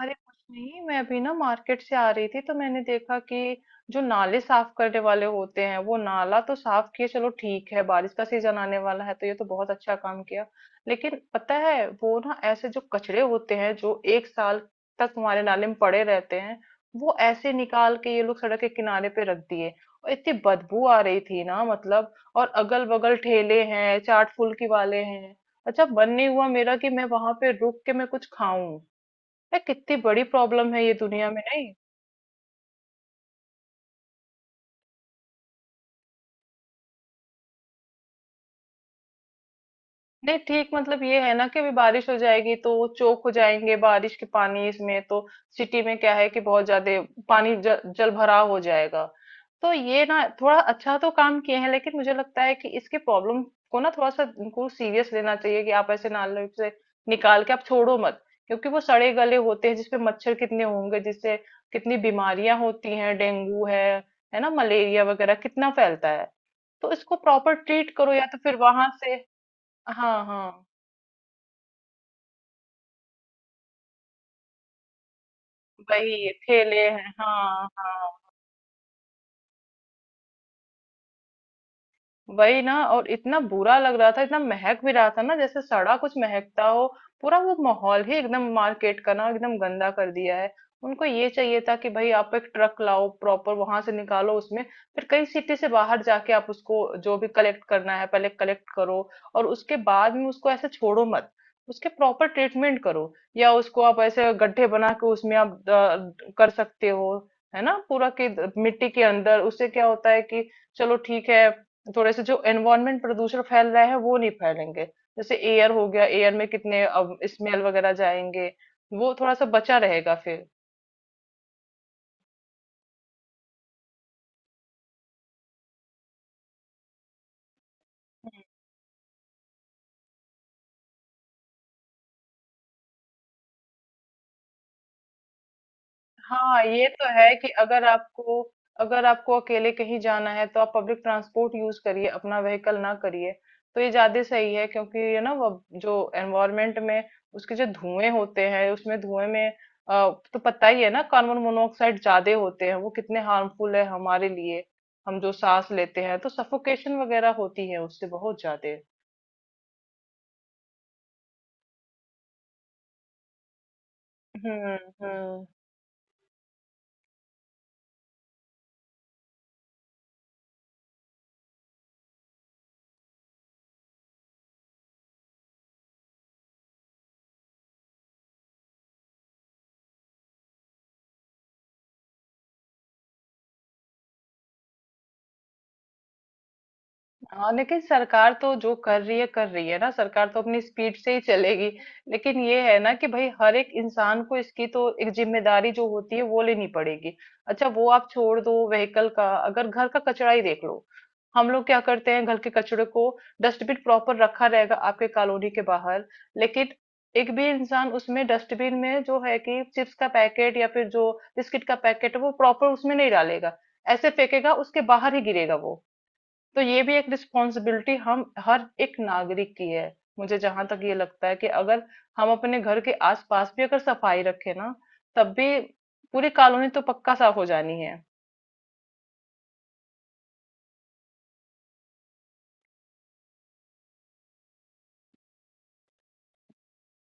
अरे कुछ नहीं। मैं अभी ना मार्केट से आ रही थी तो मैंने देखा कि जो नाले साफ करने वाले होते हैं वो नाला तो साफ किए। चलो ठीक है, बारिश का सीजन आने वाला है तो ये तो बहुत अच्छा काम किया। लेकिन पता है वो ना ऐसे जो कचरे होते हैं जो एक साल तक हमारे नाले में पड़े रहते हैं, वो ऐसे निकाल के ये लोग सड़क के किनारे पे रख दिए। और इतनी बदबू आ रही थी ना, मतलब। और अगल बगल ठेले हैं, चाट फुल्की वाले हैं। अच्छा मन नहीं हुआ मेरा कि मैं वहां पे रुक के मैं कुछ खाऊं। यार कितनी बड़ी प्रॉब्लम है ये दुनिया में नहीं? नहीं ठीक, मतलब ये है ना कि अभी बारिश हो जाएगी तो वो चोक हो जाएंगे, बारिश के पानी इसमें तो सिटी में क्या है कि बहुत ज्यादा पानी जल भराव हो जाएगा। तो ये ना थोड़ा अच्छा तो काम किए हैं लेकिन मुझे लगता है कि इसके प्रॉब्लम को ना थोड़ा सा इनको सीरियस लेना चाहिए कि आप ऐसे नाले से निकाल के आप छोड़ो मत। क्योंकि वो सड़े गले होते हैं जिसपे मच्छर कितने होंगे, जिससे कितनी बीमारियां होती हैं। डेंगू है ना, मलेरिया वगैरह कितना फैलता है। तो इसको प्रॉपर ट्रीट करो या तो फिर वहां से। हाँ, हाँ, वही ठेले हैं। हाँ, हाँ। वही ना, और इतना बुरा लग रहा था, इतना महक भी रहा था ना, जैसे सड़ा कुछ महकता हो। पूरा वो माहौल ही एकदम मार्केट का ना एकदम गंदा कर दिया है। उनको ये चाहिए था कि भाई आप एक ट्रक लाओ, प्रॉपर वहां से निकालो उसमें, फिर कई सिटी से बाहर जाके आप उसको जो भी कलेक्ट करना है पहले कलेक्ट करो। और उसके बाद में उसको ऐसे छोड़ो मत, उसके प्रॉपर ट्रीटमेंट करो। या उसको आप ऐसे गड्ढे बना के उसमें आप कर सकते हो, है ना? पूरा कि मिट्टी के अंदर, उससे क्या होता है कि चलो ठीक है, थोड़े से जो एनवायरमेंट प्रदूषण फैल रहा है वो नहीं फैलेंगे। जैसे एयर हो गया, एयर में कितने स्मेल वगैरह जाएंगे, वो थोड़ा सा बचा रहेगा फिर। हाँ ये तो है कि अगर आपको अकेले कहीं जाना है तो आप पब्लिक ट्रांसपोर्ट यूज करिए, अपना व्हीकल ना करिए। तो ये ज्यादा सही है, क्योंकि ये ना वो जो एनवायरमेंट में उसके जो धुएं होते हैं उसमें धुएं में, तो पता ही है ना कार्बन मोनोऑक्साइड ज्यादा होते हैं, वो कितने हार्मफुल है हमारे लिए। हम जो सांस लेते हैं तो सफोकेशन वगैरह होती है उससे बहुत ज्यादा। हम्म। हम्म। हाँ लेकिन सरकार तो जो कर रही है ना, सरकार तो अपनी स्पीड से ही चलेगी। लेकिन ये है ना कि भाई हर एक इंसान को इसकी तो एक जिम्मेदारी जो होती है वो लेनी पड़ेगी। अच्छा वो आप छोड़ दो व्हीकल का, अगर घर का कचरा ही देख लो। हम लोग क्या करते हैं घर के कचड़े को? डस्टबिन प्रॉपर रखा रहेगा आपके कॉलोनी के बाहर, लेकिन एक भी इंसान उसमें डस्टबिन में जो है कि चिप्स का पैकेट या फिर जो बिस्किट का पैकेट है वो प्रॉपर उसमें नहीं डालेगा, ऐसे फेंकेगा उसके बाहर ही गिरेगा वो। तो ये भी एक रिस्पॉन्सिबिलिटी हम हर एक नागरिक की है। मुझे जहां तक ये लगता है कि अगर हम अपने घर के आसपास भी अगर सफाई रखें ना, तब भी पूरी कॉलोनी तो पक्का साफ हो जानी है।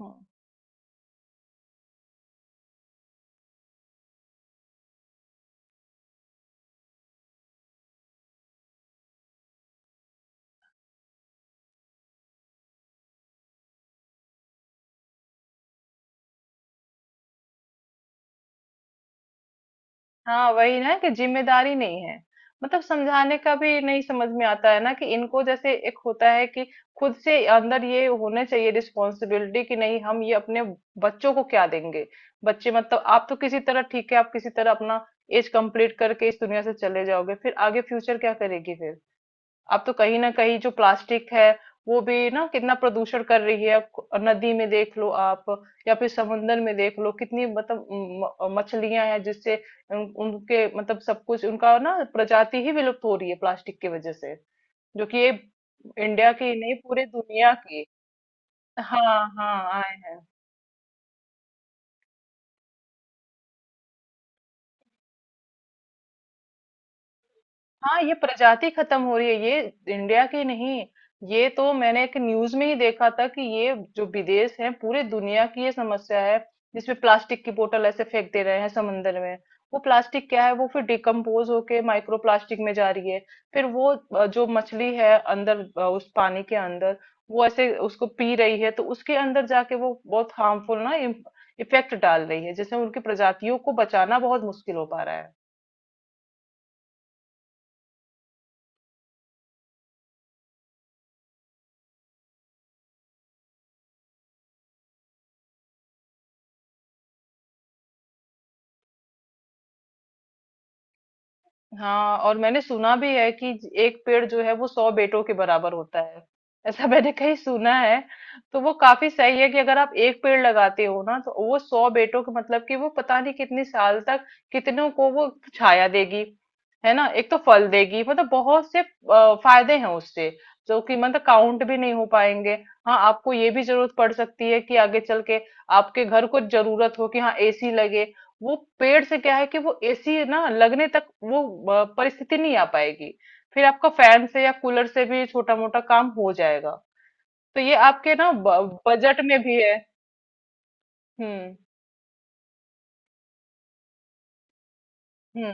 हम्म। हाँ वही ना कि जिम्मेदारी नहीं है। मतलब समझाने का भी नहीं समझ में आता है ना कि इनको, जैसे एक होता है कि खुद से अंदर ये होने चाहिए रिस्पॉन्सिबिलिटी कि नहीं हम ये अपने बच्चों को क्या देंगे। बच्चे मतलब आप तो किसी तरह ठीक है, आप किसी तरह अपना एज कंप्लीट करके इस दुनिया से चले जाओगे, फिर आगे फ्यूचर क्या करेगी फिर? अब तो कहीं ना कहीं जो प्लास्टिक है, वो भी ना कितना प्रदूषण कर रही है। आप नदी में देख लो, आप या फिर समुन्द्र में देख लो कितनी, मतलब मछलियां हैं जिससे उनके मतलब सब कुछ उनका ना प्रजाति ही विलुप्त हो रही है प्लास्टिक की वजह से। जो कि ये इंडिया की नहीं, पूरे दुनिया की। हाँ हाँ आए हैं। हाँ ये प्रजाति खत्म हो रही है, ये इंडिया की नहीं। ये तो मैंने एक न्यूज में ही देखा था कि ये जो विदेश है पूरे दुनिया की ये समस्या है, जिसमें प्लास्टिक की बोतल ऐसे फेंक दे रहे हैं समंदर में। वो प्लास्टिक क्या है, वो फिर डिकम्पोज होके माइक्रो प्लास्टिक में जा रही है। फिर वो जो मछली है अंदर उस पानी के अंदर, वो ऐसे उसको पी रही है तो उसके अंदर जाके वो बहुत हार्मफुल ना इफेक्ट डाल रही है, जिससे उनकी प्रजातियों को बचाना बहुत मुश्किल हो पा रहा है। हाँ और मैंने सुना भी है कि एक पेड़ जो है वो 100 बेटों के बराबर होता है, ऐसा मैंने कहीं सुना है। तो वो काफी सही है कि अगर आप एक पेड़ लगाते हो ना, तो वो 100 बेटों का मतलब कि वो पता नहीं कितने साल तक कितनों को वो छाया देगी। है ना, एक तो फल देगी, मतलब बहुत से फायदे हैं उससे, जो कि मतलब काउंट भी नहीं हो पाएंगे। हाँ आपको ये भी जरूरत पड़ सकती है कि आगे चल के आपके घर को जरूरत हो कि हाँ एसी लगे। वो पेड़ से क्या है कि वो एसी ना लगने तक वो परिस्थिति नहीं आ पाएगी। फिर आपका फैन से या कूलर से भी छोटा मोटा काम हो जाएगा। तो ये आपके ना बजट में भी है। हम्म। हम्म।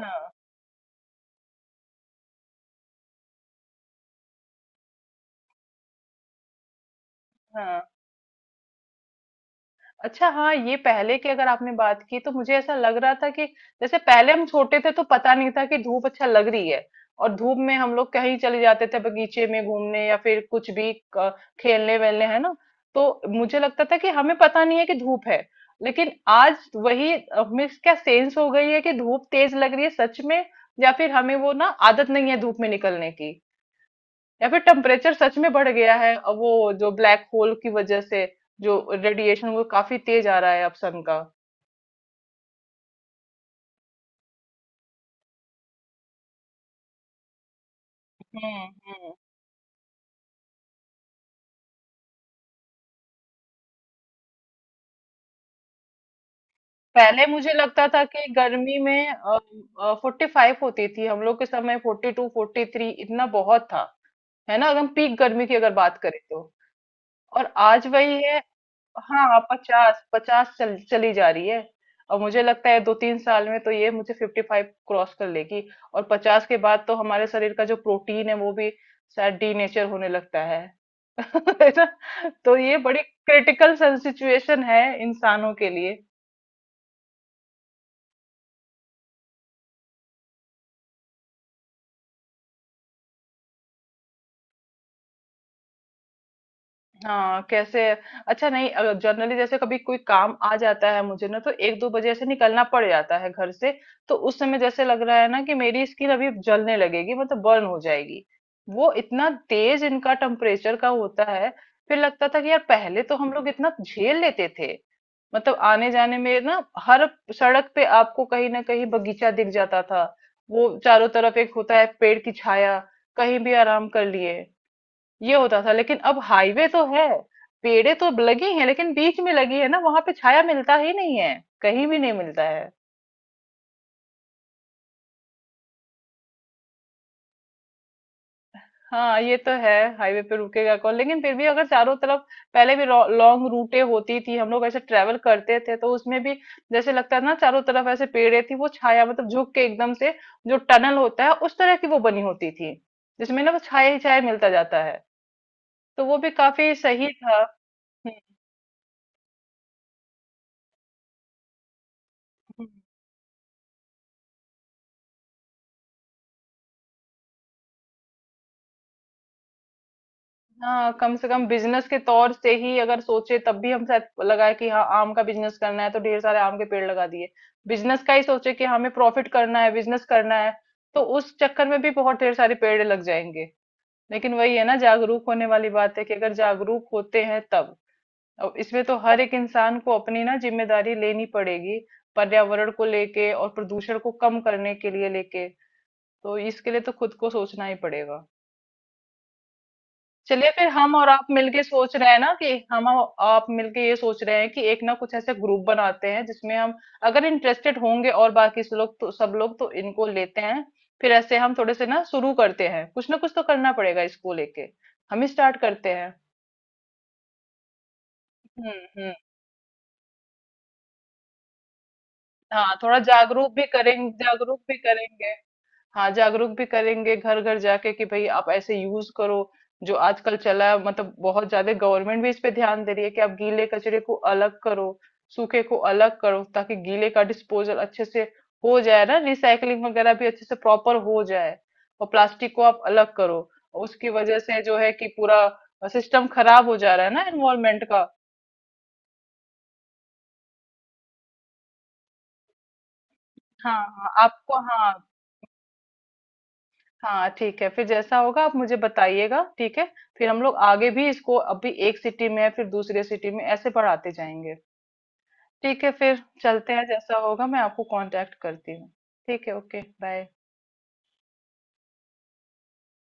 हाँ। हाँ। अच्छा हाँ, ये पहले की अगर आपने बात की तो मुझे ऐसा लग रहा था कि जैसे पहले हम छोटे थे तो पता नहीं था कि धूप अच्छा लग रही है, और धूप में हम लोग कहीं चले जाते थे बगीचे में घूमने या फिर कुछ भी खेलने वेलने, है ना? तो मुझे लगता था कि हमें पता नहीं है कि धूप है। लेकिन आज वही, हमें क्या सेंस हो गई है कि धूप तेज लग रही है, सच में। या फिर हमें वो ना आदत नहीं है धूप में निकलने की, या फिर टेम्परेचर सच में बढ़ गया है, और वो जो ब्लैक होल की वजह से जो रेडिएशन वो काफी तेज आ रहा है अब सन का। हम्म। हम्म। पहले मुझे लगता था कि गर्मी में 45 होती थी, हम लोग के समय 42 43 इतना बहुत था, है ना, एकदम पीक गर्मी की अगर बात करें तो। और आज वही है। हाँ 50 50 चली जा रही है। और मुझे लगता है दो तीन साल में तो ये मुझे 55 क्रॉस कर लेगी। और 50 के बाद तो हमारे शरीर का जो प्रोटीन है वो भी शायद डीनेचर होने लगता है है ना। तो ये बड़ी क्रिटिकल सिचुएशन है इंसानों के लिए। हाँ कैसे। अच्छा नहीं, अगर जनरली जैसे कभी कोई काम आ जाता है मुझे ना, तो एक दो बजे ऐसे निकलना पड़ जाता है घर से, तो उस समय जैसे लग रहा है ना कि मेरी स्किन अभी जलने लगेगी, मतलब बर्न हो जाएगी। वो इतना तेज इनका टेम्परेचर का होता है। फिर लगता था कि यार पहले तो हम लोग इतना झेल लेते थे, मतलब आने जाने में ना हर सड़क पे आपको कहीं ना कहीं बगीचा दिख जाता था, वो चारों तरफ एक होता है पेड़ की छाया, कहीं भी आराम कर लिए, ये होता था। लेकिन अब हाईवे तो है, पेड़े तो लगी हैं लेकिन बीच में लगी है ना, वहां पे छाया मिलता ही नहीं है, कहीं भी नहीं मिलता है। हाँ ये तो है, हाईवे पे रुकेगा कौन, लेकिन फिर भी अगर चारों तरफ। पहले भी लॉन्ग रूटे होती थी, हम लोग ऐसे ट्रेवल करते थे तो उसमें भी जैसे लगता था ना, चारों तरफ ऐसे पेड़े थी, वो छाया, मतलब झुक के एकदम से, जो टनल होता है उस तरह की वो बनी होती थी, जिसमें ना वो छाया ही छाया मिलता जाता है। तो वो भी काफी सही था। हम्म, हम्म। हाँ कम से कम बिजनेस के तौर से ही अगर सोचे, तब भी हम शायद लगाए कि हाँ आम का बिजनेस करना है तो ढेर सारे आम के पेड़ लगा दिए। बिजनेस का ही सोचे कि हमें प्रॉफिट करना है, बिजनेस करना है, तो उस चक्कर में भी बहुत ढेर सारे पेड़ लग जाएंगे। लेकिन वही है ना, जागरूक होने वाली बात है कि अगर जागरूक होते हैं तब। अब इसमें तो हर एक इंसान को अपनी ना जिम्मेदारी लेनी पड़ेगी, पर्यावरण को लेके और प्रदूषण को कम करने के लिए लेके। तो इसके लिए तो खुद को सोचना ही पड़ेगा। चलिए फिर, हम और आप मिलके सोच रहे हैं ना कि हम और आप मिलके ये सोच रहे हैं कि एक ना, कुछ ऐसे ग्रुप बनाते हैं जिसमें हम अगर इंटरेस्टेड होंगे और बाकी से लोग तो सब लोग तो इनको लेते हैं, फिर ऐसे हम थोड़े से ना शुरू करते हैं। कुछ ना कुछ तो करना पड़ेगा इसको लेके, हम ही स्टार्ट करते हैं। हम्म। हम्म। हाँ, थोड़ा जागरूक भी करेंगे, जागरूक भी करेंगे। हाँ जागरूक भी करेंगे घर घर जाके कि भाई आप ऐसे यूज करो। जो आजकल चला है, मतलब बहुत ज्यादा गवर्नमेंट भी इस पे ध्यान दे रही है कि आप गीले कचरे को अलग करो, सूखे को अलग करो, ताकि गीले का डिस्पोजल अच्छे से हो जाए ना, रिसाइकलिंग वगैरह भी अच्छे से प्रॉपर हो जाए। और प्लास्टिक को आप अलग करो, उसकी वजह से जो है कि पूरा सिस्टम खराब हो जा रहा है ना, एनवायरमेंट का। हाँ हाँ आपको, हाँ। हाँ ठीक है, फिर जैसा होगा आप मुझे बताइएगा, ठीक है। फिर हम लोग आगे भी इसको, अभी एक सिटी में है, फिर दूसरे सिटी में ऐसे बढ़ाते जाएंगे। ठीक है, फिर चलते हैं, जैसा होगा मैं आपको कांटेक्ट करती हूँ। ठीक है, ओके बाय।